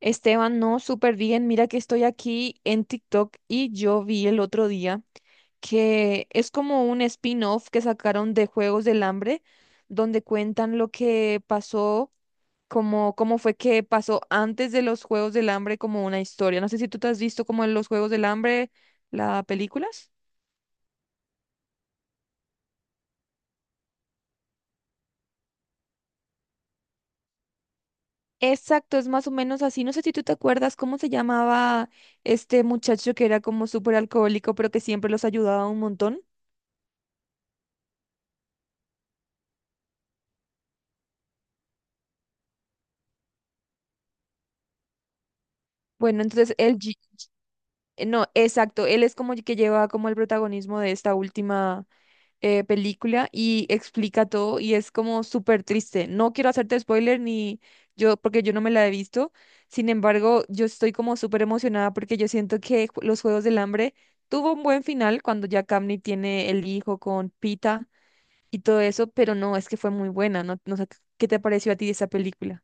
Esteban, no, súper bien. Mira que estoy aquí en TikTok y yo vi el otro día que es como un spin-off que sacaron de Juegos del Hambre, donde cuentan lo que pasó, como cómo fue que pasó antes de los Juegos del Hambre, como una historia. No sé si tú te has visto como en los Juegos del Hambre, las películas. Exacto, es más o menos así. No sé si tú te acuerdas cómo se llamaba este muchacho que era como súper alcohólico, pero que siempre los ayudaba un montón. Bueno, entonces el no, exacto. Él es como que lleva como el protagonismo de esta última película y explica todo y es como súper triste. No quiero hacerte spoiler ni yo, porque yo no me la he visto. Sin embargo, yo estoy como súper emocionada porque yo siento que Los Juegos del Hambre tuvo un buen final cuando ya Camney tiene el hijo con Pita y todo eso, pero no, es que fue muy buena, ¿no? No sé, ¿qué te pareció a ti esa película?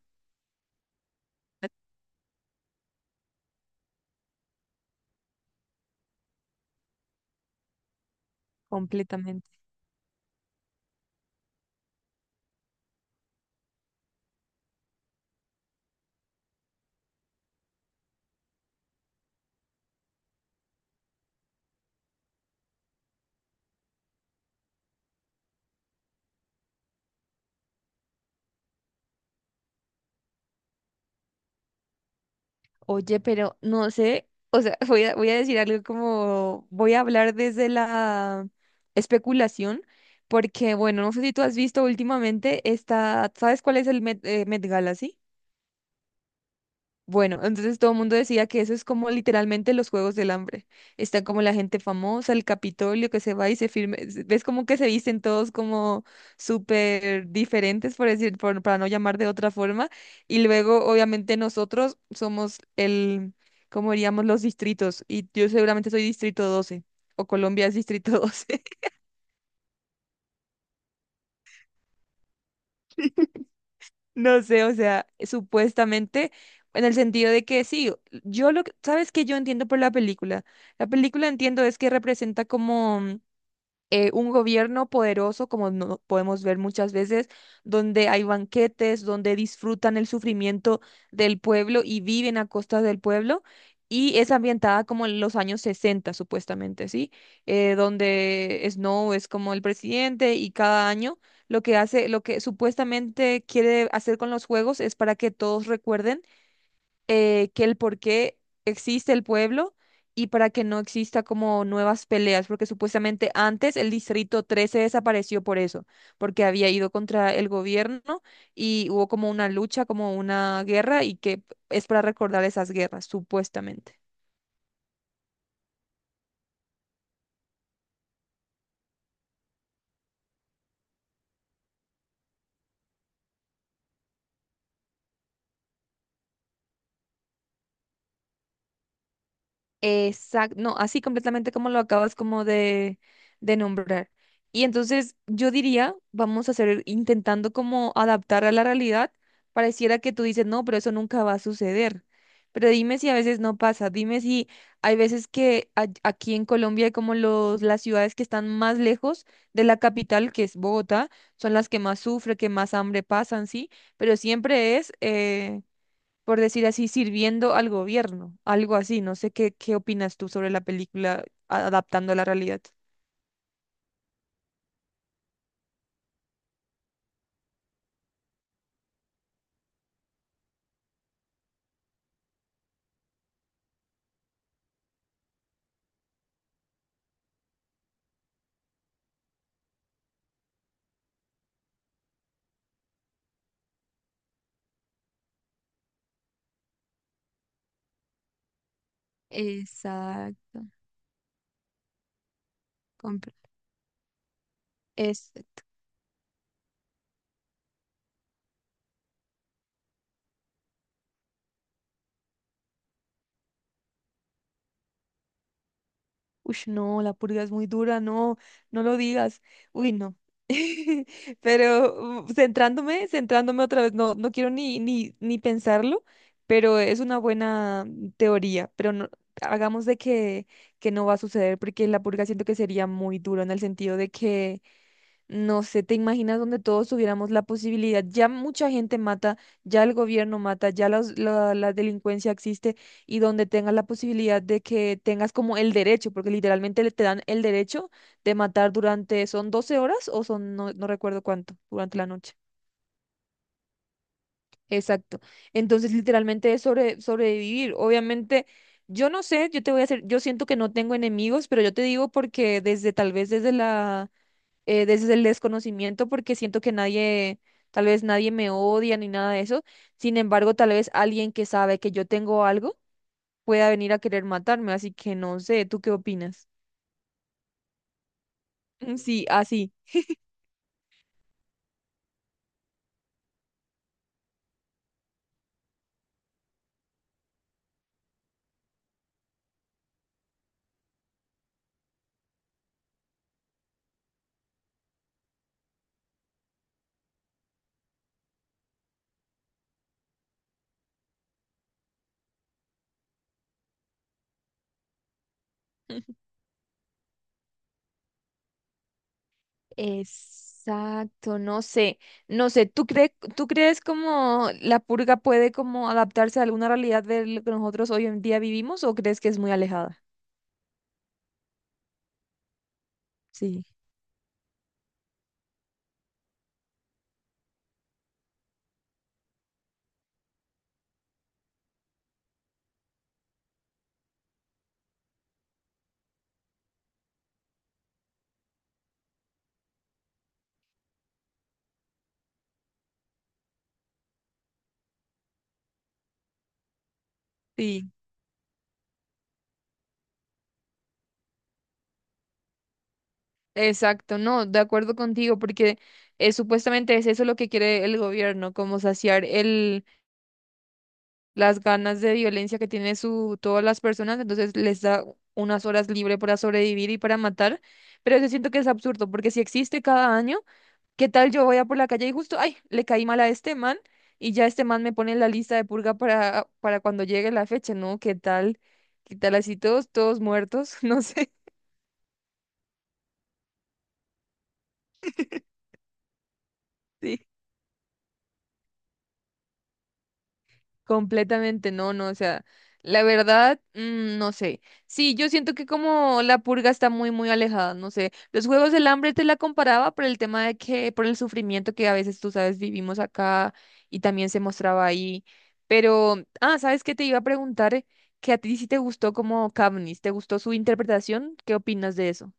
Completamente. Oye, pero no sé, o sea, voy a decir algo como, voy a hablar desde la especulación, porque bueno, no sé si tú has visto últimamente esta, ¿sabes cuál es el Met Gala, sí? Bueno, entonces todo el mundo decía que eso es como literalmente los Juegos del Hambre. Está como la gente famosa, el Capitolio que se va y se firme. Ves como que se visten todos como súper diferentes, por decir, para no llamar de otra forma. Y luego, obviamente, nosotros somos cómo diríamos, los distritos. Y yo seguramente soy distrito 12 o Colombia es distrito 12. No sé, o sea, supuestamente, en el sentido de que sí, ¿sabes qué yo entiendo por la película? La película entiendo es que representa como un gobierno poderoso, como no podemos ver muchas veces, donde hay banquetes, donde disfrutan el sufrimiento del pueblo y viven a costa del pueblo, y es ambientada como en los años 60 supuestamente, ¿sí? Donde Snow es como el presidente y cada año lo que hace, lo que supuestamente quiere hacer con los juegos es para que todos recuerden que el por qué existe el pueblo y para que no exista como nuevas peleas, porque supuestamente antes el Distrito 13 desapareció por eso, porque había ido contra el gobierno y hubo como una lucha, como una guerra y que es para recordar esas guerras, supuestamente. Exacto, no, así completamente como lo acabas como de nombrar. Y entonces yo diría, vamos a hacer, intentando como adaptar a la realidad, pareciera que tú dices, no, pero eso nunca va a suceder. Pero dime si a veces no pasa, dime si hay veces que aquí en Colombia hay como las ciudades que están más lejos de la capital, que es Bogotá, son las que más sufren, que más hambre pasan, sí, pero siempre es, por decir así, sirviendo al gobierno, algo así. No sé qué opinas tú sobre la película adaptando a la realidad. Exacto. compro- Es, Uy, no, la purga es muy dura, no, no lo digas. Uy, no. Pero centrándome, centrándome otra vez, no, no quiero ni pensarlo, pero es una buena teoría, pero no, hagamos de que no va a suceder, porque la purga siento que sería muy duro en el sentido de que no sé, ¿te imaginas donde todos tuviéramos la posibilidad? Ya mucha gente mata, ya el gobierno mata, ya la delincuencia existe y donde tengas la posibilidad de que tengas como el derecho, porque literalmente te dan el derecho de matar durante, son 12 horas o son, no, no recuerdo cuánto, durante la noche. Exacto. Entonces, literalmente es sobrevivir. Obviamente, yo no sé, yo te voy a hacer, yo siento que no tengo enemigos, pero yo te digo porque desde tal vez desde el desconocimiento porque siento que nadie, tal vez nadie me odia ni nada de eso. Sin embargo, tal vez alguien que sabe que yo tengo algo pueda venir a querer matarme, así que no sé, ¿tú qué opinas? Sí, así. Exacto, no sé, ¿tú crees como la purga puede como adaptarse a alguna realidad de lo que nosotros hoy en día vivimos o crees que es muy alejada? Sí. Sí. Exacto, no, de acuerdo contigo, porque supuestamente es eso lo que quiere el gobierno, como saciar las ganas de violencia que tiene todas las personas, entonces les da unas horas libre para sobrevivir y para matar, pero yo siento que es absurdo, porque si existe cada año, ¿qué tal yo voy a por la calle y justo, ay, le caí mal a este man y ya este man me pone en la lista de purga para cuando llegue la fecha, ¿no? ¿Qué tal? ¿Qué tal así todos, todos muertos? No sé. Sí. Completamente no, no, o sea, la verdad, no sé. Sí, yo siento que como la purga está muy, muy alejada, no sé. Los Juegos del Hambre te la comparaba por el tema de que, por el sufrimiento que a veces, tú sabes, vivimos acá y también se mostraba ahí. Pero, ah, ¿sabes qué? Te iba a preguntar que a ti sí te gustó como Katniss, ¿te gustó su interpretación? ¿Qué opinas de eso?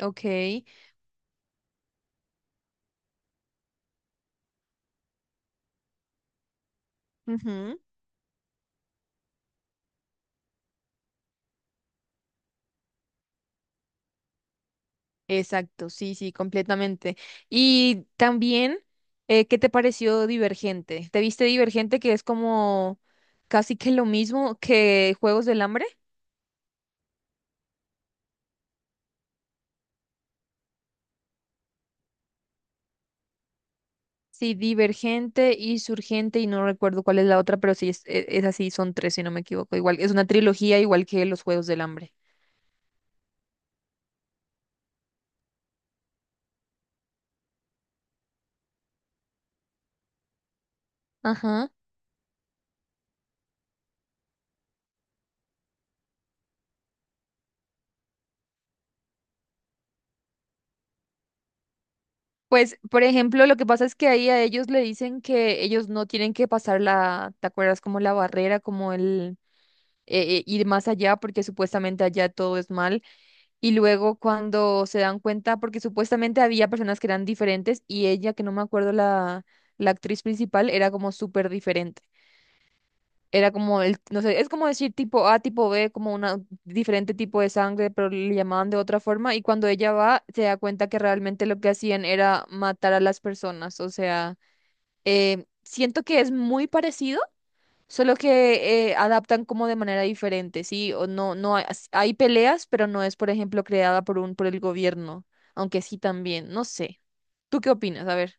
Ok. Ujú. Exacto, sí, sí, completamente. Y también, ¿qué te pareció Divergente? ¿Te viste Divergente que es como casi que lo mismo que Juegos del Hambre? Sí, Divergente y Surgente y no recuerdo cuál es la otra, pero sí, es así, son tres, si no me equivoco. Igual, es una trilogía igual que los Juegos del Hambre. Ajá. Pues, por ejemplo, lo que pasa es que ahí a ellos le dicen que ellos no tienen que pasar la, ¿te acuerdas? Como la barrera, como el ir más allá, porque supuestamente allá todo es mal. Y luego cuando se dan cuenta, porque supuestamente había personas que eran diferentes y ella, que no me acuerdo la actriz principal, era como súper diferente. Era como no sé, es como decir tipo A, tipo B, como una diferente tipo de sangre, pero le llamaban de otra forma. Y cuando ella va, se da cuenta que realmente lo que hacían era matar a las personas. O sea, siento que es muy parecido. Solo que adaptan como de manera diferente, ¿sí? O no, no hay, hay peleas, pero no es, por ejemplo, creada por el gobierno, aunque sí también, no sé. ¿Tú qué opinas? A ver.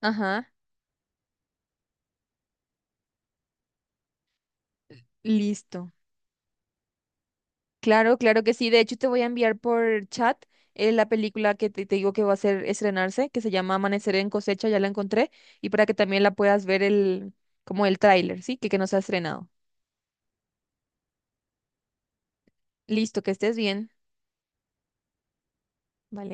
Ajá, listo. Claro, claro que sí. De hecho, te voy a enviar por chat la película que te digo que va a ser estrenarse, que se llama Amanecer en cosecha, ya la encontré, y para que también la puedas ver como el tráiler, ¿sí? Que no se ha estrenado. Listo, que estés bien. Vale.